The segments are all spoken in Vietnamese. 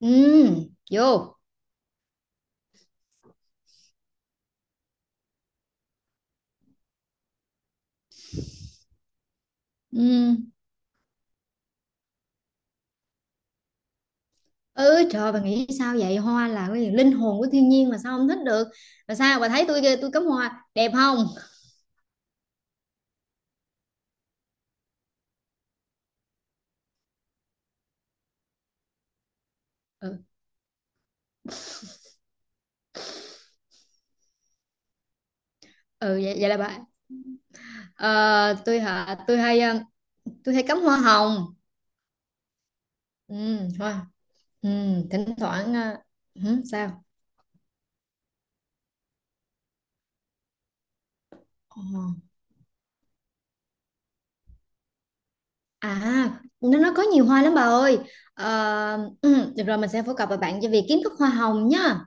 Ừ, vô. Ừ. Ừ, trời bà nghĩ sao vậy? Hoa là cái gì? Linh hồn của thiên nhiên mà sao không thích được? Mà sao bà thấy tôi kìa, tôi cắm hoa đẹp không? Ừ, ừ vậy, vậy là bà ờ, tôi hả tôi hay tôi hay cắm hoa hồng. Ừ, hoa. Ừ, thỉnh thoảng hử, sao? Ờ. À, nó có nhiều hoa lắm bà ơi. Ờ, ừ, được rồi mình sẽ phổ cập và bạn cho việc kiến thức hoa hồng nha.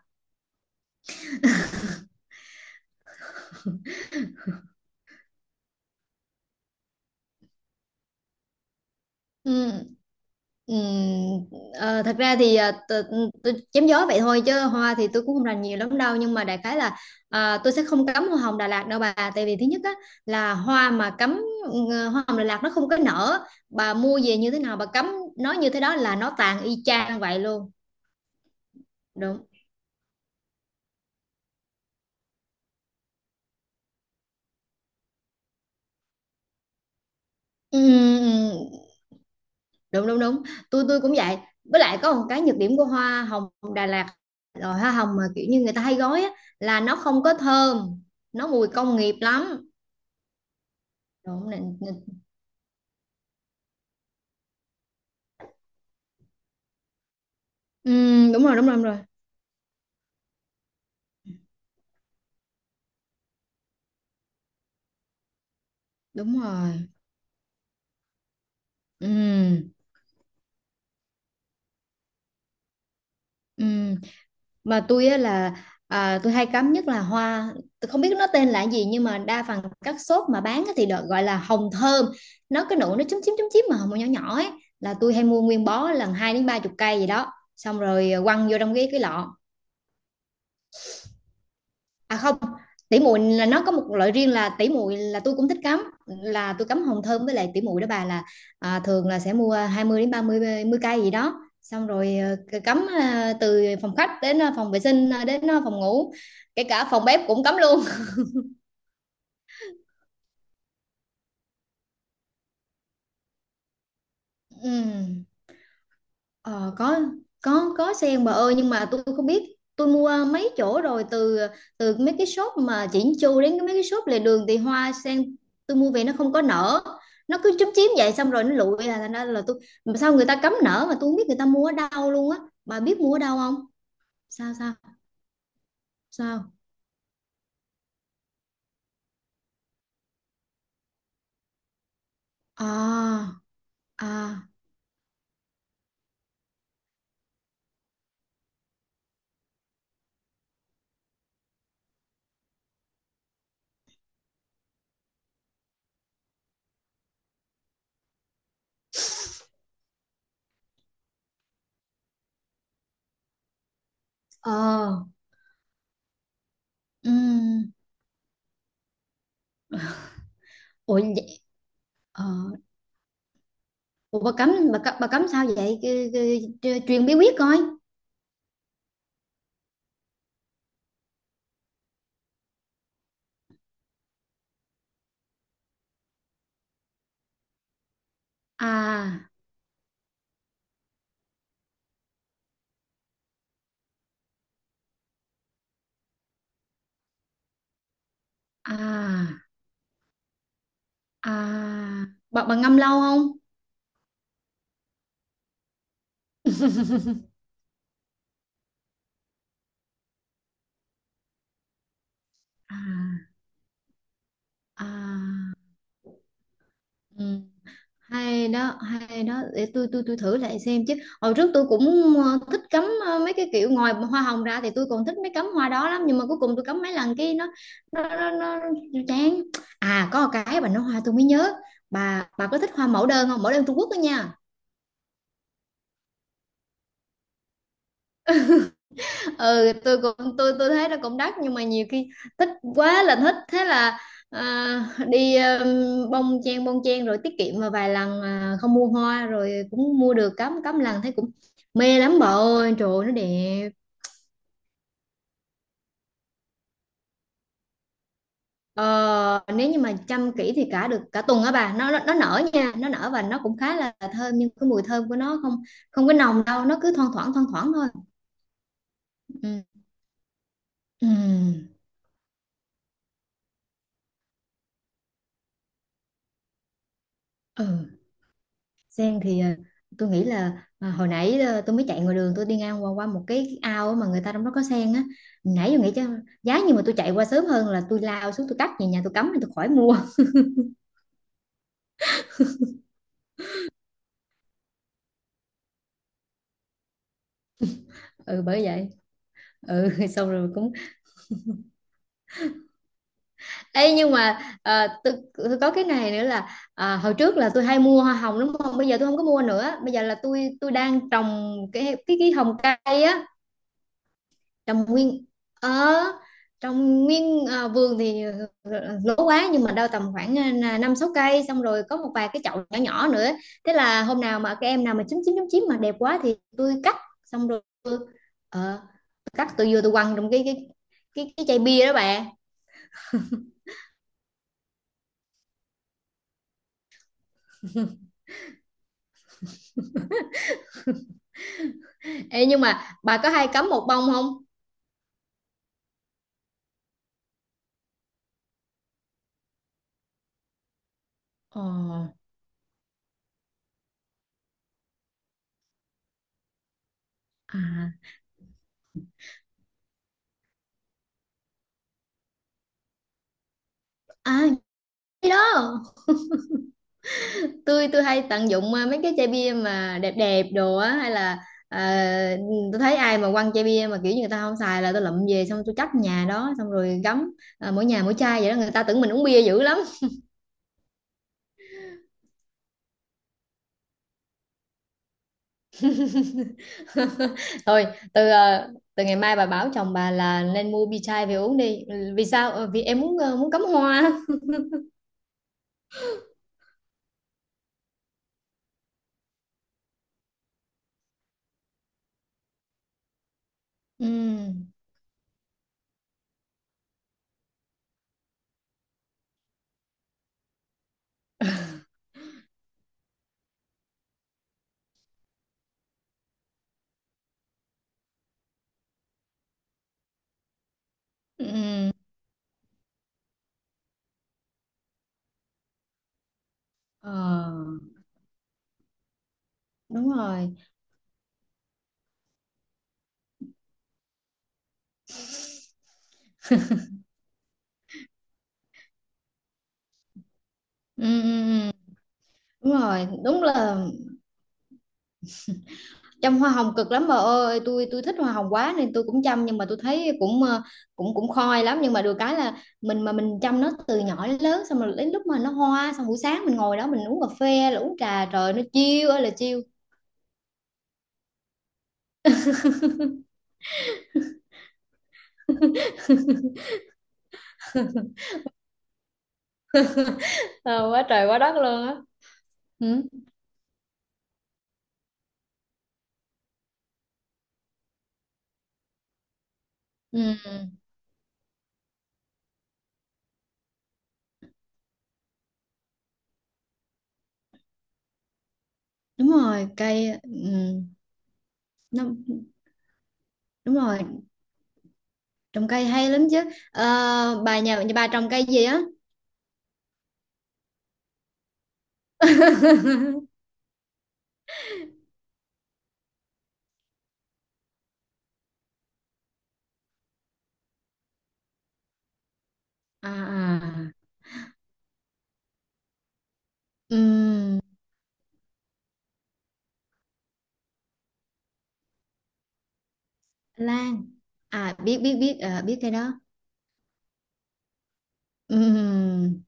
Ừ. Ừm, ờ, thật ra thì tôi chém gió vậy thôi chứ hoa thì tôi cũng không rành nhiều lắm đâu nhưng mà đại khái là à, tôi sẽ không cấm hoa hồng Đà Lạt đâu bà tại vì thứ nhất á, là hoa mà cấm ừ, hoa hồng Đà Lạt nó không có nở, bà mua về như thế nào bà cấm nó như thế đó là nó tàn y chang vậy luôn. Đúng. Ừ, ừ, đúng đúng đúng, tôi cũng vậy. Với lại có một cái nhược điểm của hoa hồng Đà Lạt, rồi hoa hồng mà kiểu như người ta hay gói á, là nó không có thơm, nó mùi công nghiệp lắm. Đúng nè. Đúng rồi đúng rồi đúng rồi đúng rồi. Ừm, ừm. Mà tôi á là à, tôi hay cắm nhất là hoa, tôi không biết nó tên là gì nhưng mà đa phần các shop mà bán á thì được gọi là hồng thơm, nó cái nụ nó chúm chím mà hồng nhỏ nhỏ ấy, là tôi hay mua nguyên bó lần hai đến ba chục cây gì đó xong rồi quăng vô trong cái lọ. À không, tỉ muội là nó có một loại riêng, là tỉ muội là tôi cũng thích cắm, là tôi cắm hồng thơm với lại tỉ muội đó bà, là à, thường là sẽ mua 20 đến 30 mươi mươi cây gì đó xong rồi cắm từ phòng khách đến phòng vệ sinh đến phòng ngủ, kể cả phòng bếp cũng cắm luôn. Ừ. Ờ, có, có sen bà ơi nhưng mà tôi không biết, tôi mua mấy chỗ rồi, từ từ mấy cái shop mà chỉnh chu đến mấy cái shop lề đường thì hoa sen tôi mua về nó không có nở, nó cứ chúm chím vậy xong rồi nó lụi, là thành ra là tôi, mà sao người ta cấm nở mà tôi không biết người ta mua ở đâu luôn á, bà biết mua ở đâu không? Sao sao sao? À. À. Ờ. Ừm. Ủa vậy. Ờ, ủa bà cấm, bà cấm sao vậy? Truyền bí quyết coi. À. À. À, bạn bạn ngâm lâu không? À, à, ừ, hay đó, hay đó. Để tôi tôi thử lại xem chứ. Hồi trước tôi cũng thích cắm mấy cái kiểu ngoài hoa hồng ra thì tôi còn thích mấy cắm hoa đó lắm nhưng mà cuối cùng tôi cắm mấy lần cái nó nó nó, nó, nó chán. À có một cái bà nói hoa tôi mới nhớ. Bà có thích hoa mẫu đơn không? Mẫu đơn Trung Quốc đó nha. Ừ, tôi tôi thấy nó cũng đắt nhưng mà nhiều khi thích, quá là thích, thế là à, đi bông chen rồi tiết kiệm vào vài lần, à, không mua hoa rồi cũng mua được cắm, cắm lần thấy cũng mê lắm bà ơi, trời ơi, nó đẹp. Ờ, nếu như mà chăm kỹ thì cả được cả tuần á bà, nó nở nha, nó nở và nó cũng khá là thơm, nhưng cái mùi thơm của nó không, không có nồng đâu, nó cứ thoang thoảng thôi. Ừ. Ừ. Ừ. Sen thì tôi nghĩ là hồi nãy tôi mới chạy ngoài đường, tôi đi ngang qua qua một cái ao mà người ta trong đó có sen á, nãy tôi nghĩ chứ, giá như mà tôi chạy qua sớm hơn là tôi lao xuống tôi cắt về nhà tôi cắm thì tôi khỏi mua. Ừ bởi vậy. Ừ. Xong rồi cũng. Ê nhưng mà tôi có cái này nữa là hồi trước là tôi hay mua hoa hồng đúng không, bây giờ tôi không có mua nữa, bây giờ là tôi đang trồng cái hồng cây á, trồng nguyên ở trong nguyên à, vườn thì lỗ quá, nhưng mà đâu tầm khoảng à, năm sáu cây xong rồi có một vài cái chậu nhỏ nhỏ nữa, thế là hôm nào mà các em nào mà chín chín chín chín mà đẹp quá thì tôi cắt, xong rồi ờ, cắt tôi vừa tôi quăng trong cái chai bia đó bà. Ê, nhưng mà bà có hay cắm một bông không? Ờ, à, à, cái đó tôi hay tận dụng mấy cái chai bia mà đẹp đẹp đồ á hay là ờ, tôi thấy ai mà quăng chai bia mà kiểu như người ta không xài là tôi lụm về xong tôi cất nhà đó xong rồi gắm, mỗi nhà mỗi chai vậy đó, người ta tưởng mình uống bia dữ lắm. Thôi từ từ ngày mai bà bảo chồng bà là nên mua bia chai về uống đi. Ừ, vì sao? Ờ, vì em muốn muốn cắm hoa. Ừ. Ừ. Ờ, đúng rồi. Ừ, ừ, ừ. Đúng rồi, đúng là chăm hoa hồng cực lắm bà ơi, tôi thích hoa hồng quá nên tôi cũng chăm nhưng mà tôi thấy cũng cũng cũng khói lắm, nhưng mà được cái là mình mà mình chăm nó từ nhỏ đến lớn xong rồi đến lúc mà nó hoa xong buổi sáng mình ngồi đó mình uống cà phê là uống trà, trời nó chiêu ơi là chiêu. Ờ, quá trời quá đất luôn á. Ừ. Ừ. Đúng rồi cây. Ừ. Nó. Đúng rồi, trồng cây hay lắm chứ. Ờ, bà nhà nhà bà trồng cây gì á? À, à. Ừ. Lan. À biết biết biết biết cây đó. Ừ.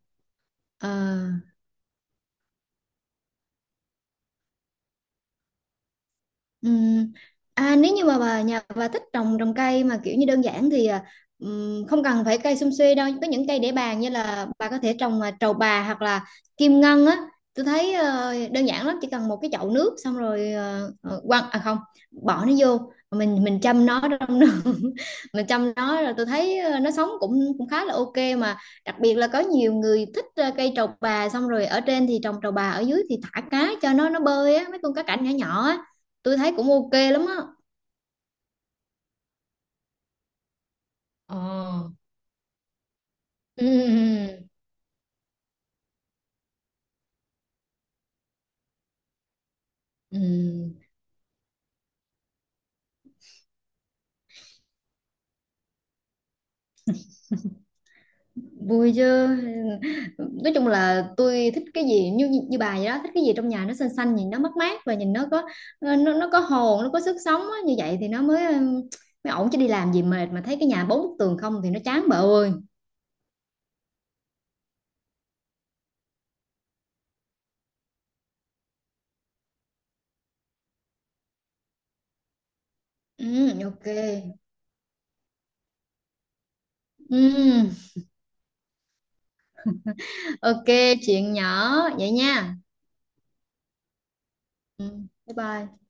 Ờ. Ừm. À, nếu như mà bà nhà bà thích trồng trồng cây mà kiểu như đơn giản thì à, không cần phải cây sum suê đâu, có những cây để bàn như là bà có thể trồng à, trầu bà hoặc là kim ngân á, tôi thấy đơn giản lắm, chỉ cần một cái chậu nước xong rồi quăng à không, bỏ nó vô, mình chăm nó trong nước. Mình chăm nó rồi tôi thấy nó sống cũng cũng khá là ok mà, đặc biệt là có nhiều người thích cây trầu bà xong rồi ở trên thì trồng trầu bà ở dưới thì thả cá cho nó bơi á, mấy con cá cảnh nhỏ nhỏ á, tôi thấy cũng ok lắm á. Ờ. Ừ, ừ. Ừ. Vui chứ. Nói chung là tôi thích cái gì như như bà vậy đó, thích cái gì trong nhà nó xanh xanh nhìn nó mát mát và nhìn nó có nó có hồn nó có sức sống á, như vậy thì nó mới ừ, mới ổn chứ, đi làm gì mệt mà thấy cái nhà bốn bức tường không thì nó chán bà ơi. Ừ, ok. Ừ, ok, chuyện nhỏ vậy nha. Ừ, bye bye.